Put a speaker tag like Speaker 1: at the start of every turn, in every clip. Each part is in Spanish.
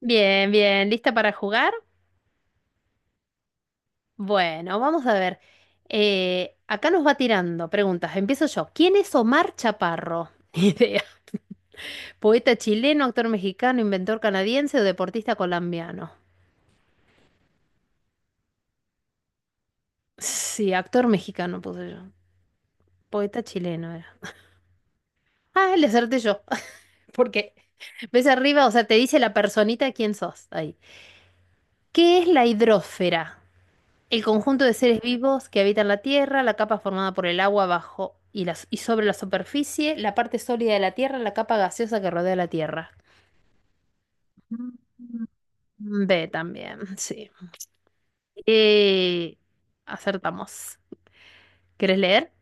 Speaker 1: Bien, bien, ¿lista para jugar? Bueno, vamos a ver. Acá nos va tirando preguntas. Empiezo yo. ¿Quién es Omar Chaparro? Ni idea. ¿Poeta chileno, actor mexicano, inventor canadiense o deportista colombiano? Sí, actor mexicano puse yo. Poeta chileno era. Ah, le acerté yo. Porque ves arriba, o sea, te dice la personita quién sos ahí. ¿Qué es la hidrosfera? El conjunto de seres vivos que habitan la Tierra, la capa formada por el agua bajo y, y sobre la superficie, la parte sólida de la Tierra, la capa gaseosa que rodea la Tierra. Mm, B también, sí. Eh, acertamos. ¿Querés leer?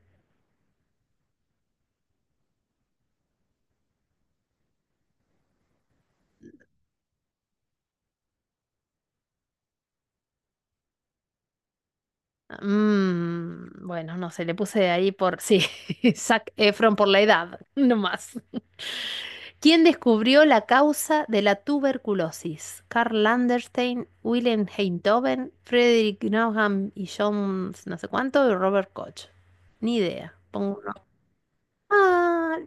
Speaker 1: Bueno, no sé, le puse ahí por... Sí, Zac Efron por la edad, no más. ¿Quién descubrió la causa de la tuberculosis? Karl Landerstein, Wilhelm Einthoven, Frederick Nauheim y John no sé cuánto y Robert Koch. Ni idea. Pongo uno. Ah,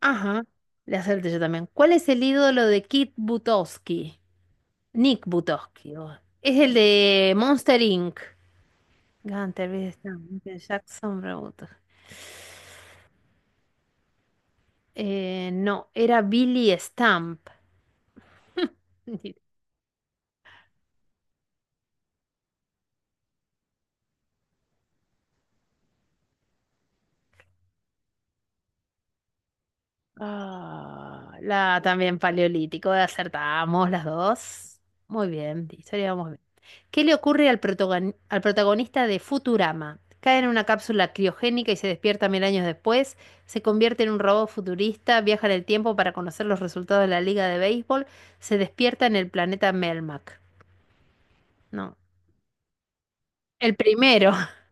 Speaker 1: ajá. Le acerté yo también. ¿Cuál es el ídolo de Kit Butowski? Nick Butowski. Es el de Monster Inc. Gunter, Bill Stamp, Michael Jackson, Robert. No, era Billy Stamp. Ah, la también paleolítico, acertamos las dos. Muy bien, historia vamos bien. ¿Qué le ocurre al al protagonista de Futurama? Cae en una cápsula criogénica y se despierta 1000 años después, se convierte en un robot futurista, viaja en el tiempo para conocer los resultados de la liga de béisbol, se despierta en el planeta Melmac. No, el primero.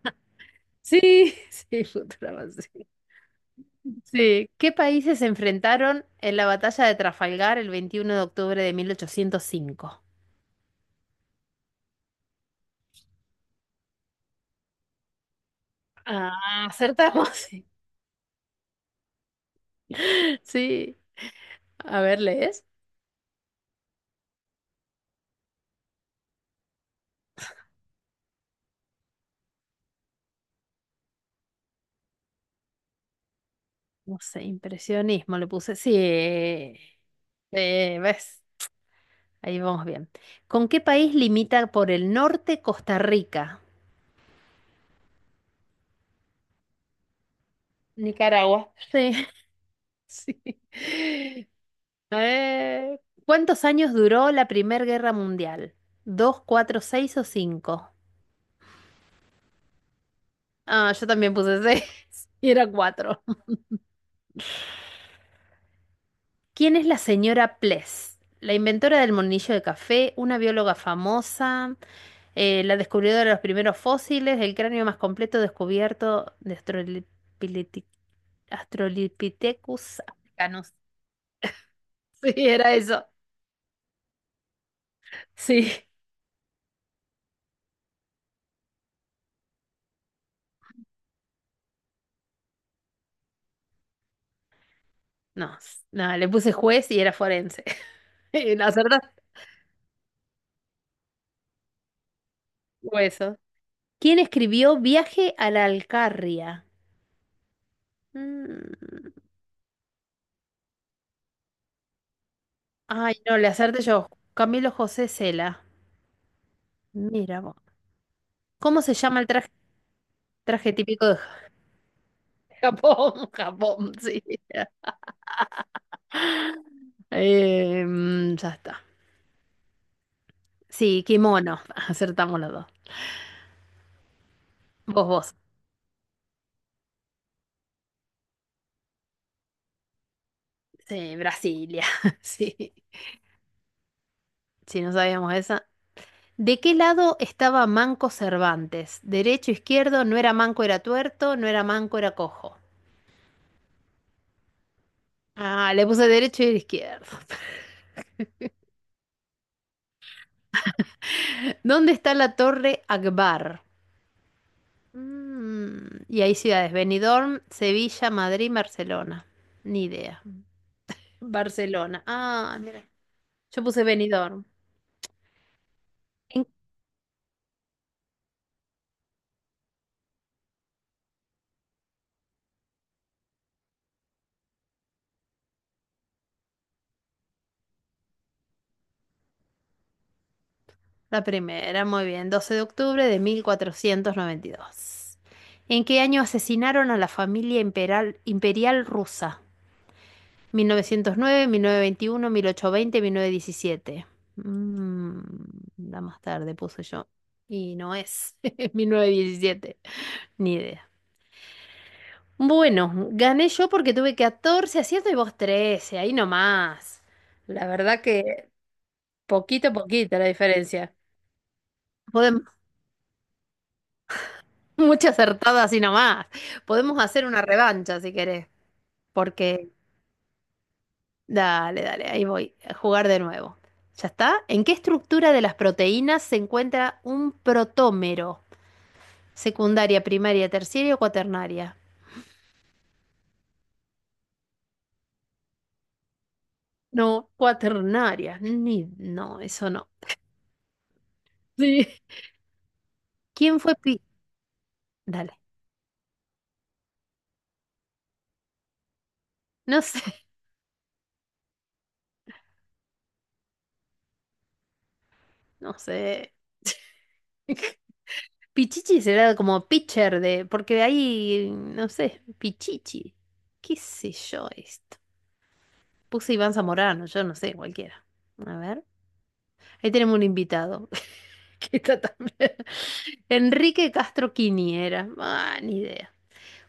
Speaker 1: Sí, sí, Futurama, sí. Sí. ¿Qué países se enfrentaron en la batalla de Trafalgar el 21 de octubre de 1805? Ah, acertamos. Sí. Sí. A ver, ¿lees? No sé, impresionismo le puse. Sí. Sí, ¿ves? Ahí vamos bien. ¿Con qué país limita por el norte Costa Rica? Nicaragua. Sí, sí. A ¿Cuántos años duró la Primera Guerra Mundial? ¿Dos, cuatro, seis o cinco? Ah, yo también puse seis. Y era cuatro. ¿Quién es la señora Pless? La inventora del monillo de café, una bióloga famosa, la descubridora de los primeros fósiles, el cráneo más completo descubierto de Australopithecus africanus. Sí, era eso. Sí. No, no, le puse juez y era forense. Y no acertaste hueso. ¿Quién escribió Viaje a la Alcarria? Mm. Ay, no, le hacerte yo. Camilo José Cela. Mira vos. ¿Cómo se llama el traje típico de Japón? Japón, sí. Ya está. Sí, kimono. Acertamos los dos. Vos, vos. Sí, Brasilia. Sí. Si no sabíamos esa. ¿De qué lado estaba Manco Cervantes? ¿Derecho, izquierdo? No era manco, era tuerto. No era manco, era cojo. Ah, le puse derecho y izquierdo. ¿Dónde está la Torre Akbar? Y hay ciudades, Benidorm, Sevilla, Madrid, Barcelona. Ni idea. Barcelona. Ah, mira. Yo puse Benidorm. En- La primera, muy bien. 12 de octubre de 1492. ¿En qué año asesinaron a la familia imperial rusa? 1909, 1921, 1820, 1917. Mm, la más tarde puse yo. Y no es. 1917. Ni idea. Bueno, gané yo porque tuve 14 aciertos y vos 13, ahí nomás. La verdad que poquito a poquito la diferencia. Podemos, mucha acertada así nomás. Podemos hacer una revancha si querés, porque dale, dale, ahí voy a jugar de nuevo. ¿Ya está? ¿En qué estructura de las proteínas se encuentra un protómero? ¿Secundaria, primaria, terciaria o cuaternaria? No, cuaternaria. Ni, no, eso no. Sí. ¿Quién fue Pi? Dale. No sé. No sé. Pichichi será como pitcher de, porque de ahí, no sé, Pichichi. ¿Qué sé yo esto? Puse Iván Zamorano, yo no sé, cualquiera. A ver. Ahí tenemos un invitado. Que está también. Enrique Castro Quiniera. Ah, ni idea.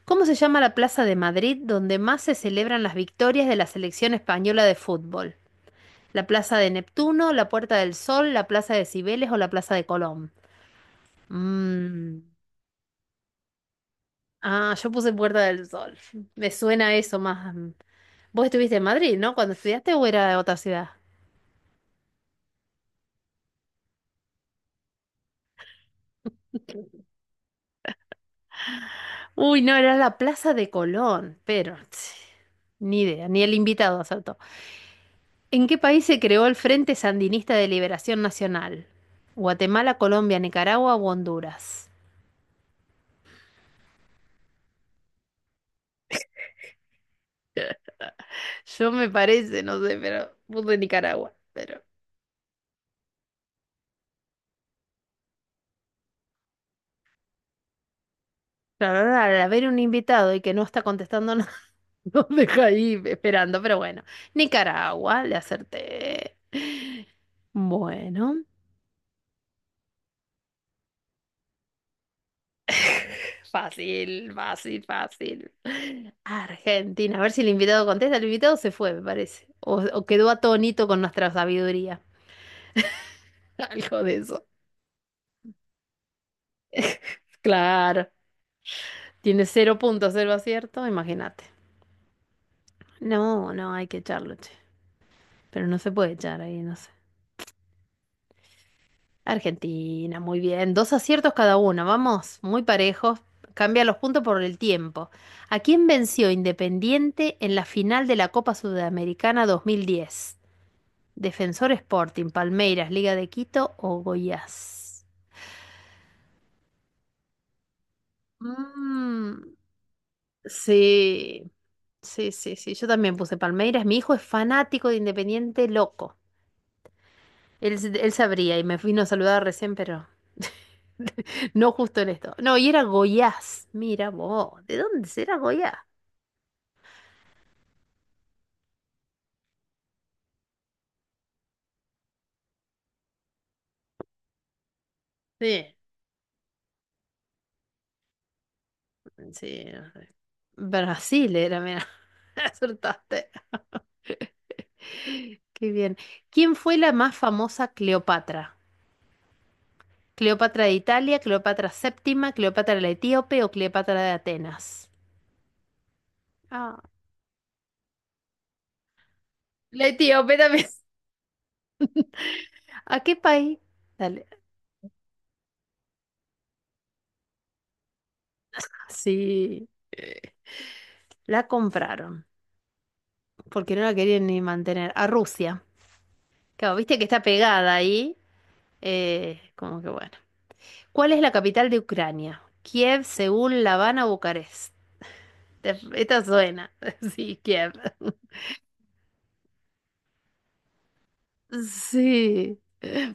Speaker 1: ¿Cómo se llama la plaza de Madrid donde más se celebran las victorias de la selección española de fútbol? ¿La plaza de Neptuno, la Puerta del Sol, la plaza de Cibeles o la plaza de Colón? Mm. Ah, yo puse Puerta del Sol. Me suena eso más. Mm. Vos estuviste en Madrid, ¿no? Cuando estudiaste o era de otra ciudad. Uy, no, era la Plaza de Colón, pero tss, ni idea, ni el invitado acertó. ¿En qué país se creó el Frente Sandinista de Liberación Nacional? Guatemala, Colombia, Nicaragua o Honduras. Yo me parece, no sé, pero puse Nicaragua, pero la verdad, al haber un invitado y que no está contestando. Nos deja ahí esperando, pero bueno. Nicaragua, le acerté. Bueno, fácil, fácil, fácil. Argentina, a ver si el invitado contesta. El invitado se fue, me parece. O quedó atónito con nuestra sabiduría. Algo de eso. Claro. Tiene 0,0 acierto, imagínate. No, no, hay que echarlo, che. Pero no se puede echar ahí, no sé. Argentina, muy bien. Dos aciertos cada uno, vamos, muy parejos. Cambia los puntos por el tiempo. ¿A quién venció Independiente en la final de la Copa Sudamericana 2010? ¿Defensor Sporting, Palmeiras, Liga de Quito o Goiás? Mm, sí, sí, sí, sí. Yo también puse Palmeiras. Mi hijo es fanático de Independiente, loco. Él sabría y me vino a saludar recién, pero... No justo en esto. No, y era Goiás. Mira vos, ¿de dónde será Goiás? Sí, sí. Brasil era, mira. Acertaste. Qué bien. ¿Quién fue la más famosa Cleopatra? ¿Cleopatra de Italia, Cleopatra séptima, Cleopatra la etíope o Cleopatra de Atenas? Ah, la etíope también. ¿A qué país? Dale. Sí. La compraron, porque no la querían ni mantener. A Rusia. Claro, viste que está pegada ahí. Como que bueno. ¿Cuál es la capital de Ucrania? Kiev, Seúl, La Habana, Bucarest. Esta suena. Sí, Kiev. Sí,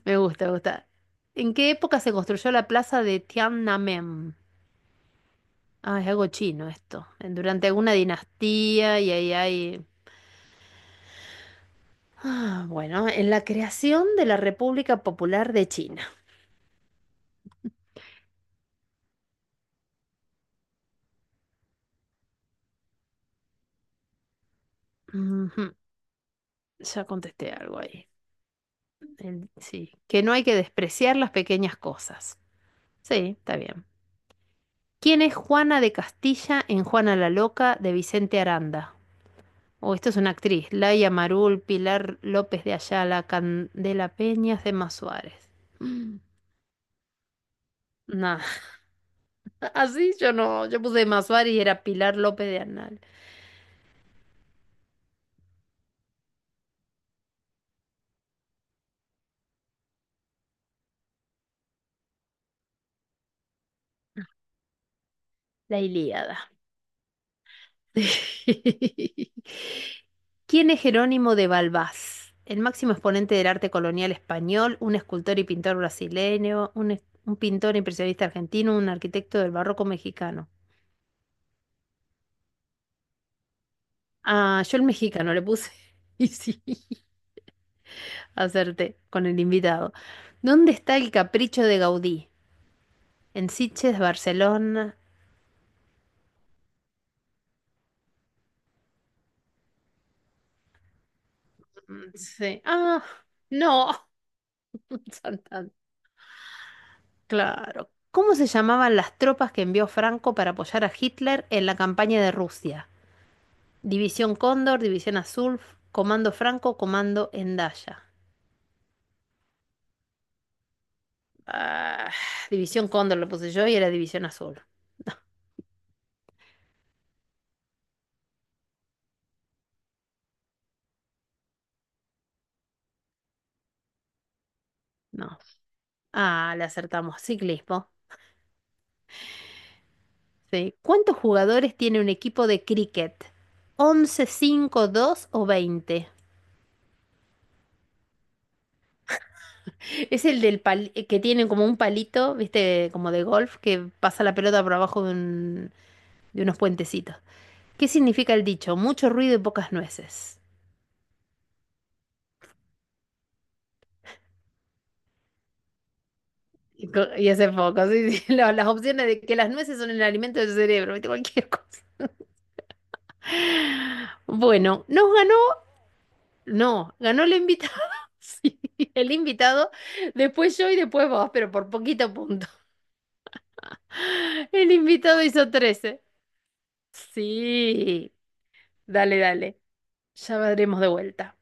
Speaker 1: me gusta, me gusta. ¿En qué época se construyó la plaza de Tiananmen? Ah, es algo chino esto. Durante alguna dinastía y ahí hay... Ah, bueno, en la creación de la República Popular de China. Ujú, ya contesté algo ahí. Sí, que no hay que despreciar las pequeñas cosas. Sí, está bien. ¿Quién es Juana de Castilla en Juana la Loca de Vicente Aranda? Oh, esto es una actriz. Laia Marul, Pilar López de Ayala, Candela Peñas, de Suárez. Mm, Nah, así yo no. Yo puse Emma Suárez y era Pilar López de Anal. La Ilíada. ¿Quién es Jerónimo de Balbás? El máximo exponente del arte colonial español, un escultor y pintor brasileño, un pintor impresionista argentino, un arquitecto del barroco mexicano. Ah, yo el mexicano le puse. Y sí, acerté con el invitado. ¿Dónde está el capricho de Gaudí? En Sitges, Barcelona. Mm, sí. Ah, no. Santander. Claro. ¿Cómo se llamaban las tropas que envió Franco para apoyar a Hitler en la campaña de Rusia? División Cóndor, División Azul, Comando Franco, Comando Endaya. Ah, División Cóndor le puse yo y era División Azul. No. Ah, le acertamos. Ciclismo. Sí. ¿Cuántos jugadores tiene un equipo de cricket? ¿Once, 5, 2 o 20? Es el del que tiene como un palito, ¿viste? Como de golf, que pasa la pelota por abajo de de unos puentecitos. ¿Qué significa el dicho? Mucho ruido y pocas nueces. Y hace poco, sí, sí, las opciones de que las nueces son el alimento del cerebro, ¿viste? Cualquier cosa. Bueno, nos ganó, no, ganó el invitado. Sí, el invitado, después yo y después vos, pero por poquito punto. El invitado hizo 13. Sí, dale, dale. Ya veremos de vuelta.